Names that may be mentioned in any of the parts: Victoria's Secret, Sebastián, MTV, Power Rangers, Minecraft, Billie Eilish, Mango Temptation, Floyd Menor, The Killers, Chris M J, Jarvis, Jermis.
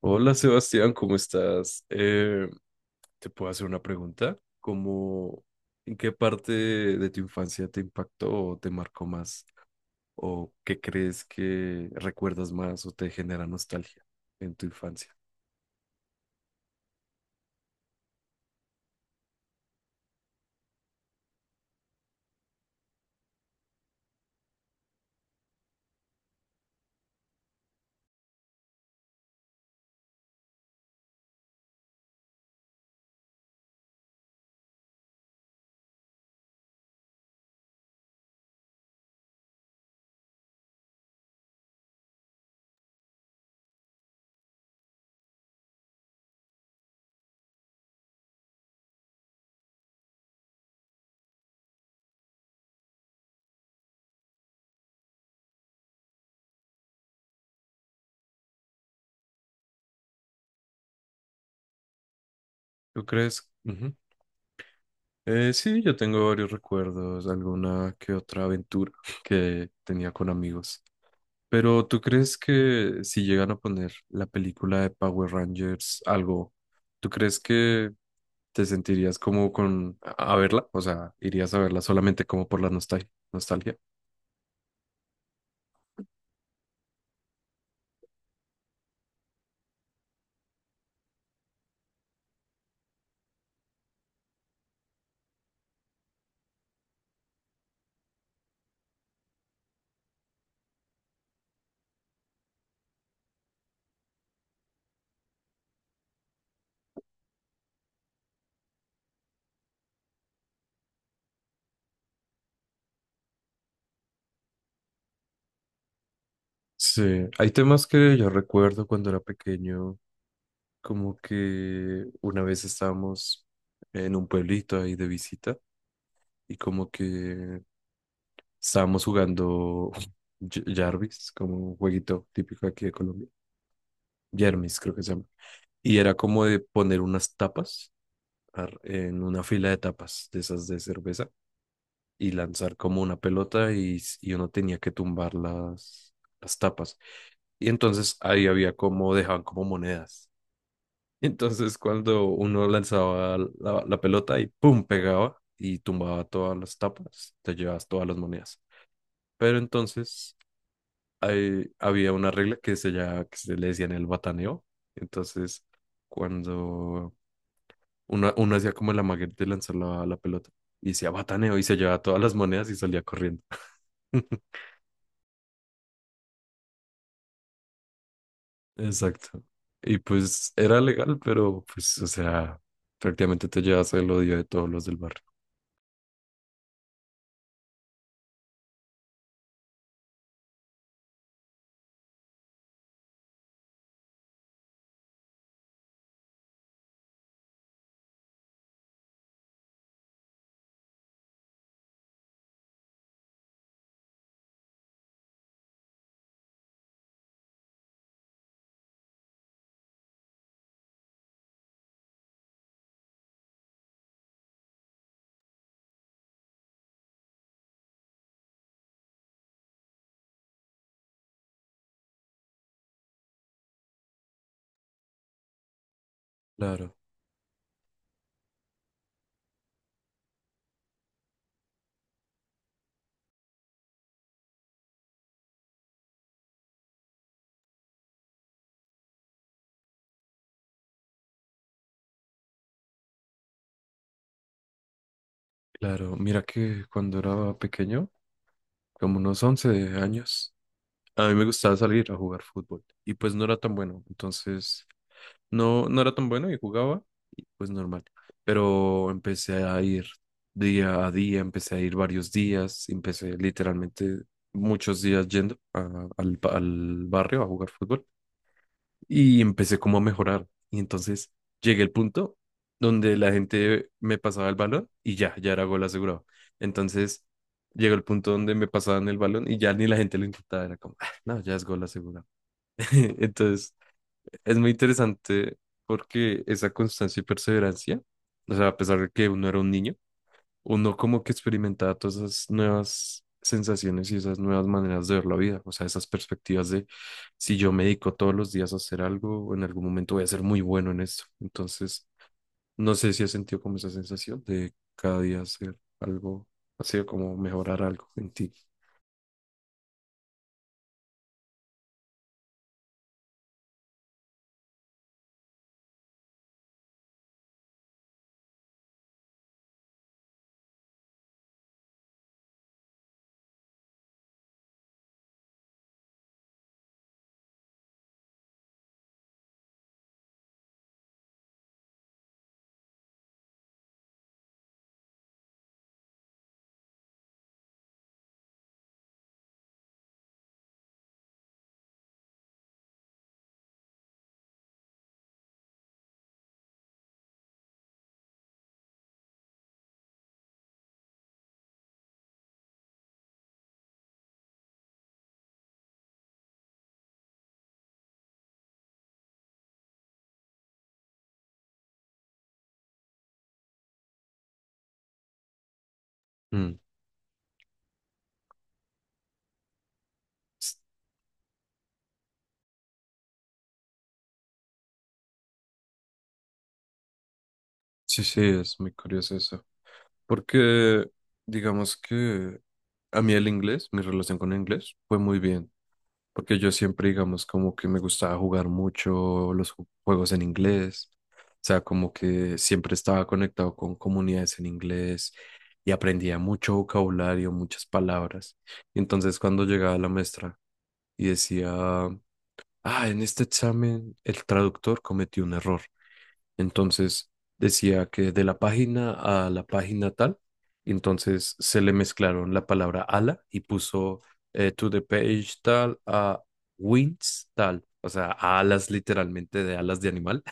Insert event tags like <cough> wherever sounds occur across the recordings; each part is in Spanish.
Hola Sebastián, ¿cómo estás? ¿Te puedo hacer una pregunta? ¿En qué parte de tu infancia te impactó o te marcó más? ¿O qué crees que recuerdas más o te genera nostalgia en tu infancia? ¿Tú crees? Ujú. Sí, yo tengo varios recuerdos, alguna que otra aventura <laughs> que tenía con amigos. Pero ¿tú crees que si llegan a poner la película de Power Rangers, algo, ¿tú crees que te sentirías como con a verla? O sea, ¿irías a verla solamente como por la nostalgia, nostalgia? Sí, hay temas que yo recuerdo cuando era pequeño, como que una vez estábamos en un pueblito ahí de visita y como que estábamos jugando <laughs> Jarvis, como un jueguito típico aquí de Colombia. Jermis creo que se llama. Y era como de poner unas tapas en una fila de tapas de esas de cerveza y lanzar como una pelota y, y uno tenía que tumbar las tapas. Y entonces ahí había como, dejaban como monedas. <laughs> Entonces cuando uno lanzaba la, la pelota y pum, pegaba y tumbaba todas las tapas, te llevabas todas las monedas. Pero entonces ahí había una regla que se, ya, que se le decía en el bataneo. Entonces cuando uno hacía como el amaguete de lanzar la, la pelota y decía bataneo y se llevaba todas las monedas y salía corriendo. <laughs> Exacto. Y pues era legal, pero pues, o sea, prácticamente te llevas el odio de todos los del barrio. Claro, claro. Mira que cuando era pequeño, como unos 11 años, a mí me gustaba salir a jugar fútbol y pues no era tan bueno. Entonces, no, no era tan bueno y jugaba y pues normal. Pero empecé a ir día a día, empecé a ir varios días, empecé literalmente muchos días yendo al barrio a jugar fútbol. Y empecé como a mejorar. Y entonces llegué al punto donde la gente me pasaba el balón y ya, ya era gol asegurado. Entonces llegó el punto donde me pasaban el balón y ya ni la gente lo intentaba, era como, "Ah, no, ya es gol asegurado". <laughs> Entonces es muy interesante porque esa constancia y perseverancia, o sea, a pesar de que uno era un niño, uno como que experimentaba todas esas nuevas sensaciones y esas nuevas maneras de ver la vida, o sea, esas perspectivas de si yo me dedico todos los días a hacer algo, en algún momento voy a ser muy bueno en esto. Entonces, no sé si has sentido como esa sensación de cada día hacer algo, así como mejorar algo en ti. Mm. S- Sí, sí, es muy curioso eso. Porque digamos que a mí el inglés, mi relación con el inglés fue muy bien. Porque yo siempre, digamos, como que me gustaba jugar mucho los juegos en inglés, o sea, como que siempre estaba conectado con comunidades en inglés y aprendía mucho vocabulario, muchas palabras. Y entonces cuando llegaba la maestra y decía, ah, en este examen el traductor cometió un error. Entonces decía que de la página a la página tal, entonces se le mezclaron la palabra ala y puso to the page tal a wings tal, o sea, a alas literalmente de alas de animal,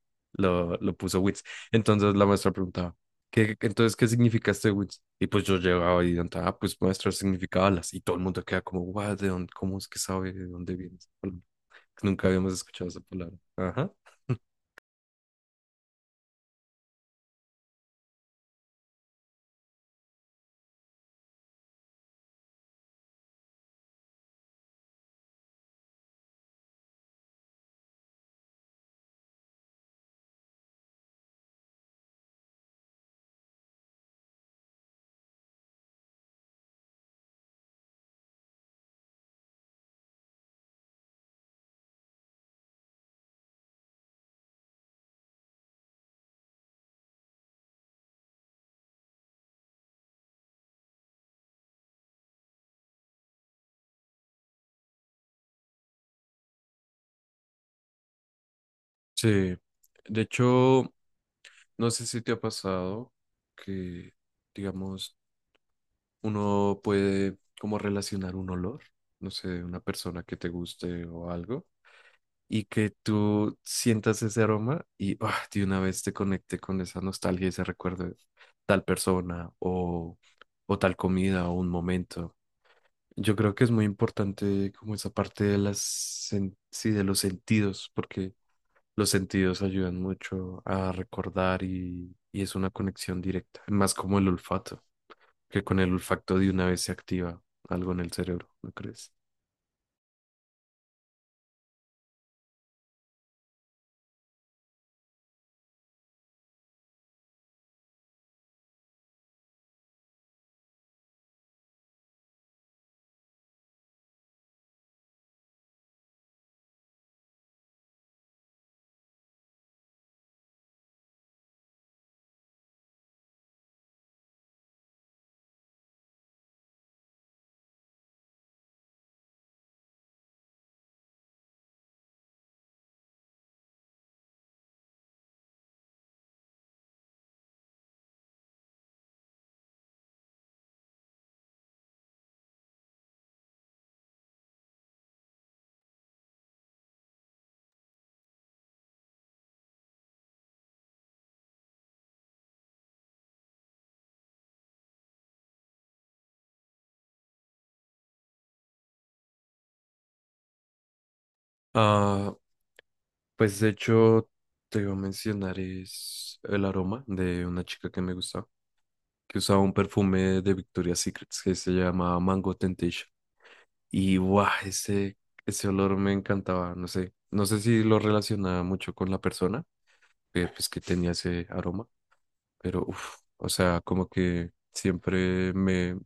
<laughs> lo puso wings. Entonces la maestra preguntaba, ¿qué, entonces qué significa este wings? Y pues yo llegaba y preguntaba, ah, pues maestra significa alas. Y todo el mundo queda como, guau, ¿de dónde, cómo es que sabe de dónde viene esa palabra? Nunca habíamos escuchado esa palabra. Ajá. <laughs> Sí. De hecho, no sé si te ha pasado que, digamos, uno puede como relacionar un olor, no sé, de una persona que te guste o algo, y que tú sientas ese aroma y ah, de una vez te conecte con esa nostalgia y ese recuerdo de tal persona o tal comida o un momento. Yo creo que es muy importante como esa parte de las, sí, de los sentidos, porque los sentidos ayudan mucho a recordar y es una conexión directa, más como el olfato, que con el olfato de una vez se activa algo en el cerebro, ¿no crees? Ah, pues de hecho te iba a mencionar es el aroma de una chica que me gustaba, que usaba un perfume de Victoria's Secret que se llama Mango Temptation. Y guau, ese olor me encantaba, no sé, no sé si lo relacionaba mucho con la persona, pues que tenía ese aroma, pero uff, o sea, como que siempre me,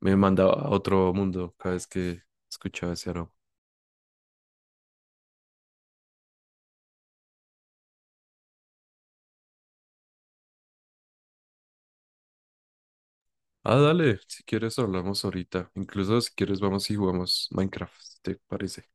me mandaba a otro mundo cada vez que escuchaba ese aroma. Ah, dale, si quieres hablamos ahorita. Incluso si quieres vamos y jugamos Minecraft, ¿si te parece?